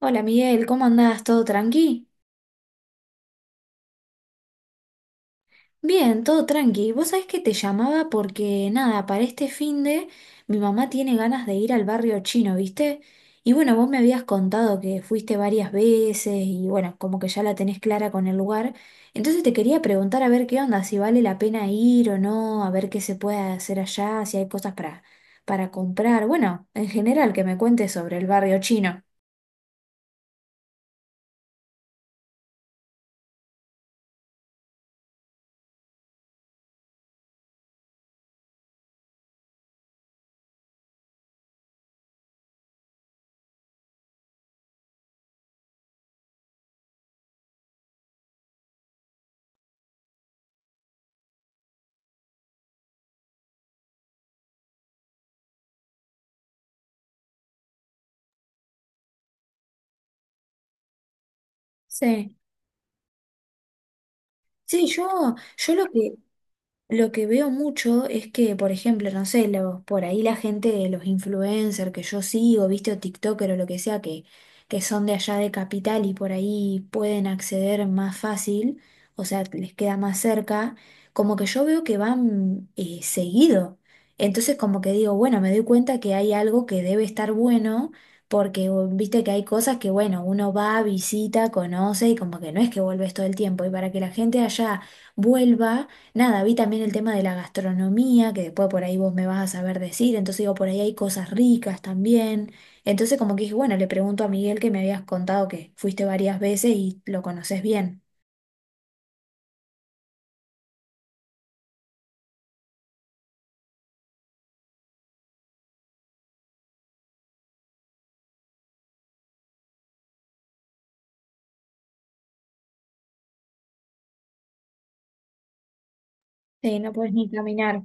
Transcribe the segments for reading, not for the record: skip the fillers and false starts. Hola Miguel, ¿cómo andás? ¿Todo tranqui? Bien, todo tranqui. Vos sabés que te llamaba porque, nada, para este finde mi mamá tiene ganas de ir al barrio chino, ¿viste? Y bueno, vos me habías contado que fuiste varias veces y bueno, como que ya la tenés clara con el lugar. Entonces te quería preguntar a ver qué onda, si vale la pena ir o no, a ver qué se puede hacer allá, si hay cosas para comprar. Bueno, en general, que me cuentes sobre el barrio chino. Sí. Sí, yo lo que... Lo que veo mucho es que, por ejemplo, no sé, por ahí la gente, los influencers que yo sigo, viste, o TikToker o lo que sea, que son de allá de Capital y por ahí pueden acceder más fácil, o sea, les queda más cerca, como que yo veo que van seguido. Entonces como que digo, bueno, me doy cuenta que hay algo que debe estar bueno, porque viste que hay cosas que, bueno, uno va, visita, conoce y como que no es que vuelves todo el tiempo. Y para que la gente allá vuelva. Nada, vi también el tema de la gastronomía, que después por ahí vos me vas a saber decir, entonces digo, por ahí hay cosas ricas también. Entonces como que dije, bueno, le pregunto a Miguel que me habías contado que fuiste varias veces y lo conoces bien. Sí, no puedes ni caminar,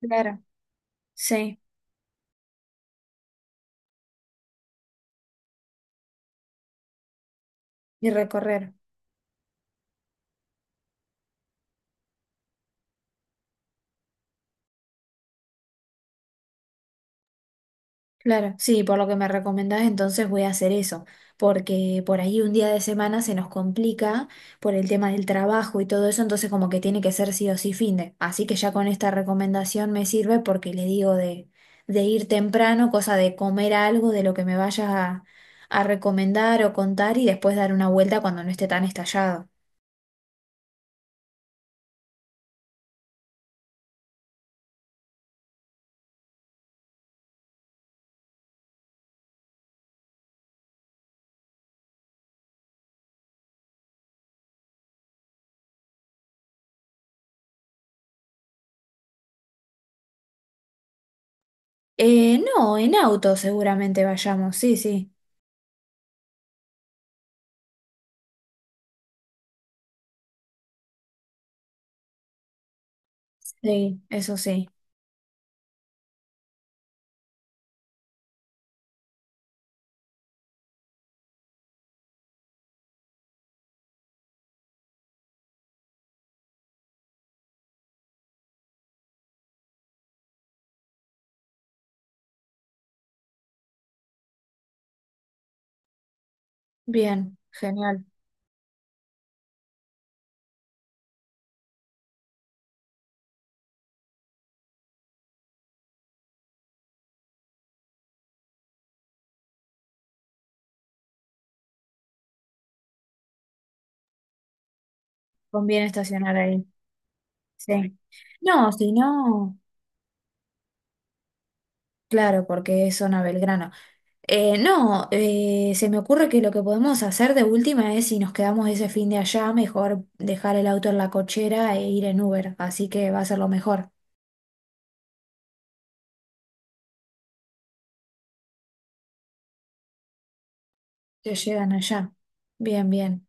claro, sí, y recorrer. Claro, sí, por lo que me recomendás, entonces voy a hacer eso, porque por ahí un día de semana se nos complica por el tema del trabajo y todo eso, entonces como que tiene que ser sí o sí finde. Así que ya con esta recomendación me sirve porque le digo de ir temprano, cosa de comer algo de lo que me vayas a recomendar o contar y después dar una vuelta cuando no esté tan estallado. No, en auto seguramente vayamos, sí, sí, sí, eso sí. Bien, genial, conviene estacionar ahí. Sí. No, si no, claro, porque es zona Belgrano. No, se me ocurre que lo que podemos hacer de última es si nos quedamos ese fin de allá, mejor dejar el auto en la cochera e ir en Uber, así que va a ser lo mejor. Te llegan allá. Bien, bien.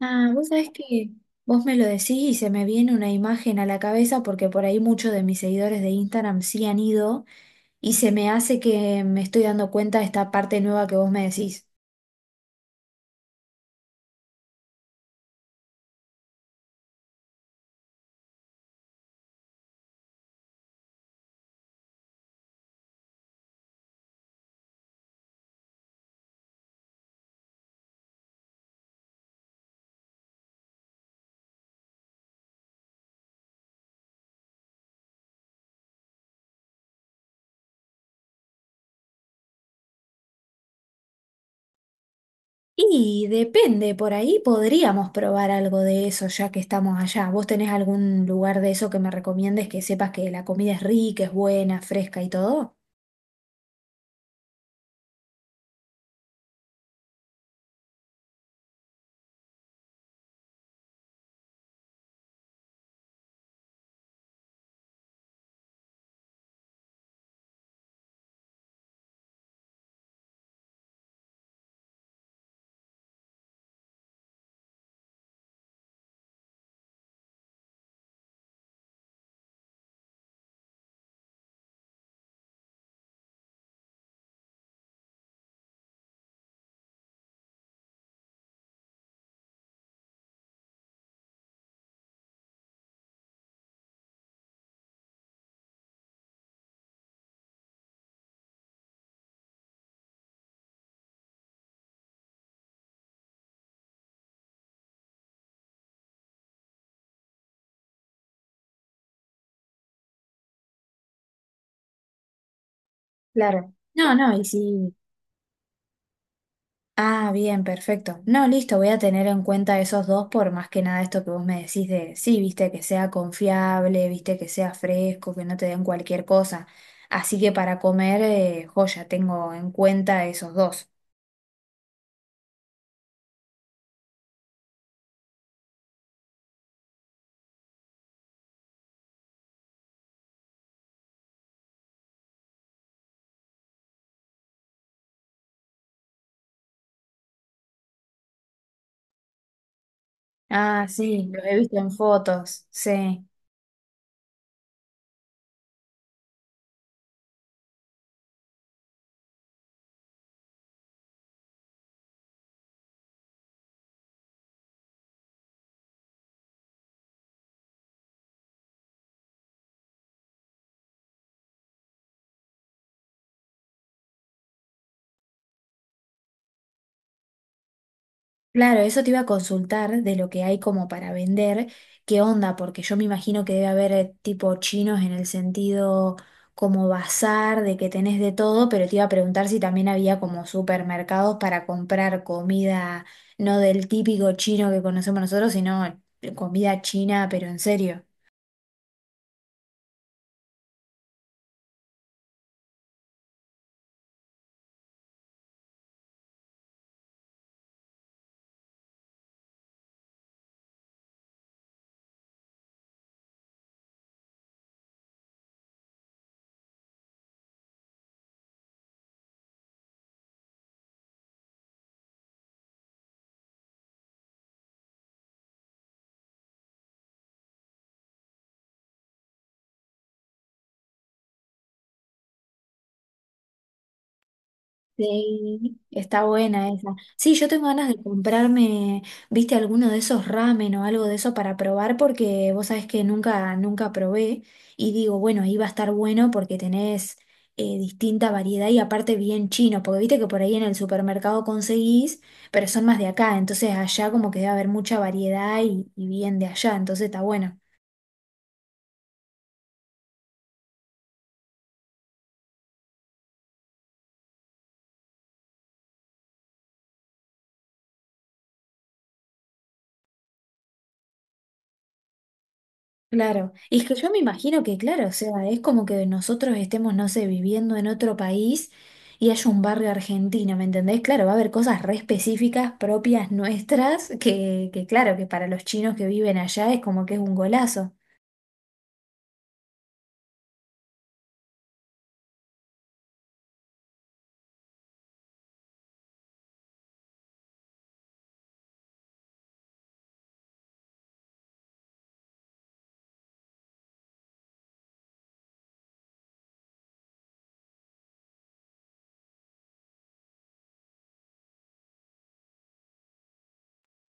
Ah, vos sabés que vos me lo decís y se me viene una imagen a la cabeza porque por ahí muchos de mis seguidores de Instagram sí han ido y se me hace que me estoy dando cuenta de esta parte nueva que vos me decís. Y depende, por ahí podríamos probar algo de eso ya que estamos allá. ¿Vos tenés algún lugar de eso que me recomiendes que sepas que la comida es rica, es buena, fresca y todo? Claro. No, no, y sí. Ah, bien, perfecto. No, listo, voy a tener en cuenta esos dos por más que nada esto que vos me decís de, sí, viste, que sea confiable, viste, que sea fresco, que no te den cualquier cosa. Así que para comer, joya, tengo en cuenta esos dos. Ah, sí, los he visto en fotos, sí. Claro, eso te iba a consultar de lo que hay como para vender, qué onda, porque yo me imagino que debe haber tipo chinos en el sentido como bazar, de que tenés de todo, pero te iba a preguntar si también había como supermercados para comprar comida, no del típico chino que conocemos nosotros, sino comida china, pero en serio. Sí, está buena esa. Sí, yo tengo ganas de comprarme, viste, alguno de esos ramen o algo de eso para probar porque vos sabés que nunca, nunca probé y digo, bueno, ahí va a estar bueno porque tenés distinta variedad y aparte bien chino, porque viste que por ahí en el supermercado conseguís, pero son más de acá, entonces allá como que debe haber mucha variedad y bien de allá, entonces está bueno. Claro, y es que yo me imagino que, claro, o sea, es como que nosotros estemos, no sé, viviendo en otro país y haya un barrio argentino, ¿me entendés? Claro, va a haber cosas re específicas propias nuestras que claro, que para los chinos que viven allá es como que es un golazo.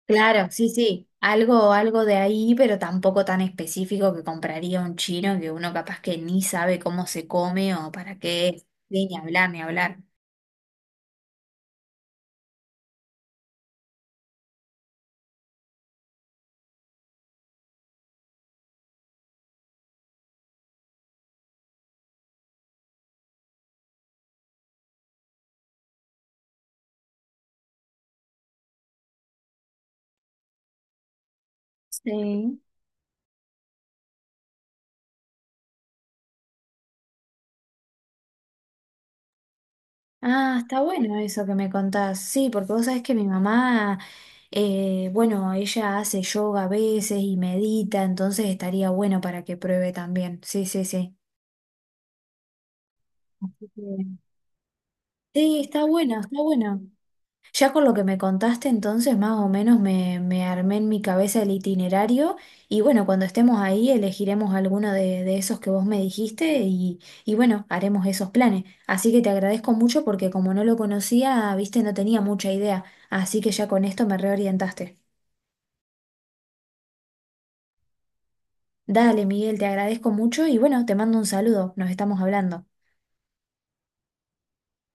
Claro, sí, sí, algo, algo de ahí, pero tampoco tan específico que compraría un chino que uno capaz que ni sabe cómo se come o para qué, sí, ni hablar, ni hablar. Sí. Ah, está bueno eso que me contás. Sí, porque vos sabés que mi mamá, bueno, ella hace yoga a veces y medita, entonces estaría bueno para que pruebe también. Sí, sí, sí. Así que- sí, está bueno, está bueno. Ya con lo que me contaste, entonces más o menos me armé en mi cabeza el itinerario y bueno, cuando estemos ahí elegiremos alguno de esos que vos me dijiste y bueno, haremos esos planes. Así que te agradezco mucho porque como no lo conocía, viste, no tenía mucha idea, así que ya con esto me reorientaste. Dale, Miguel, te agradezco mucho y bueno, te mando un saludo, nos estamos hablando.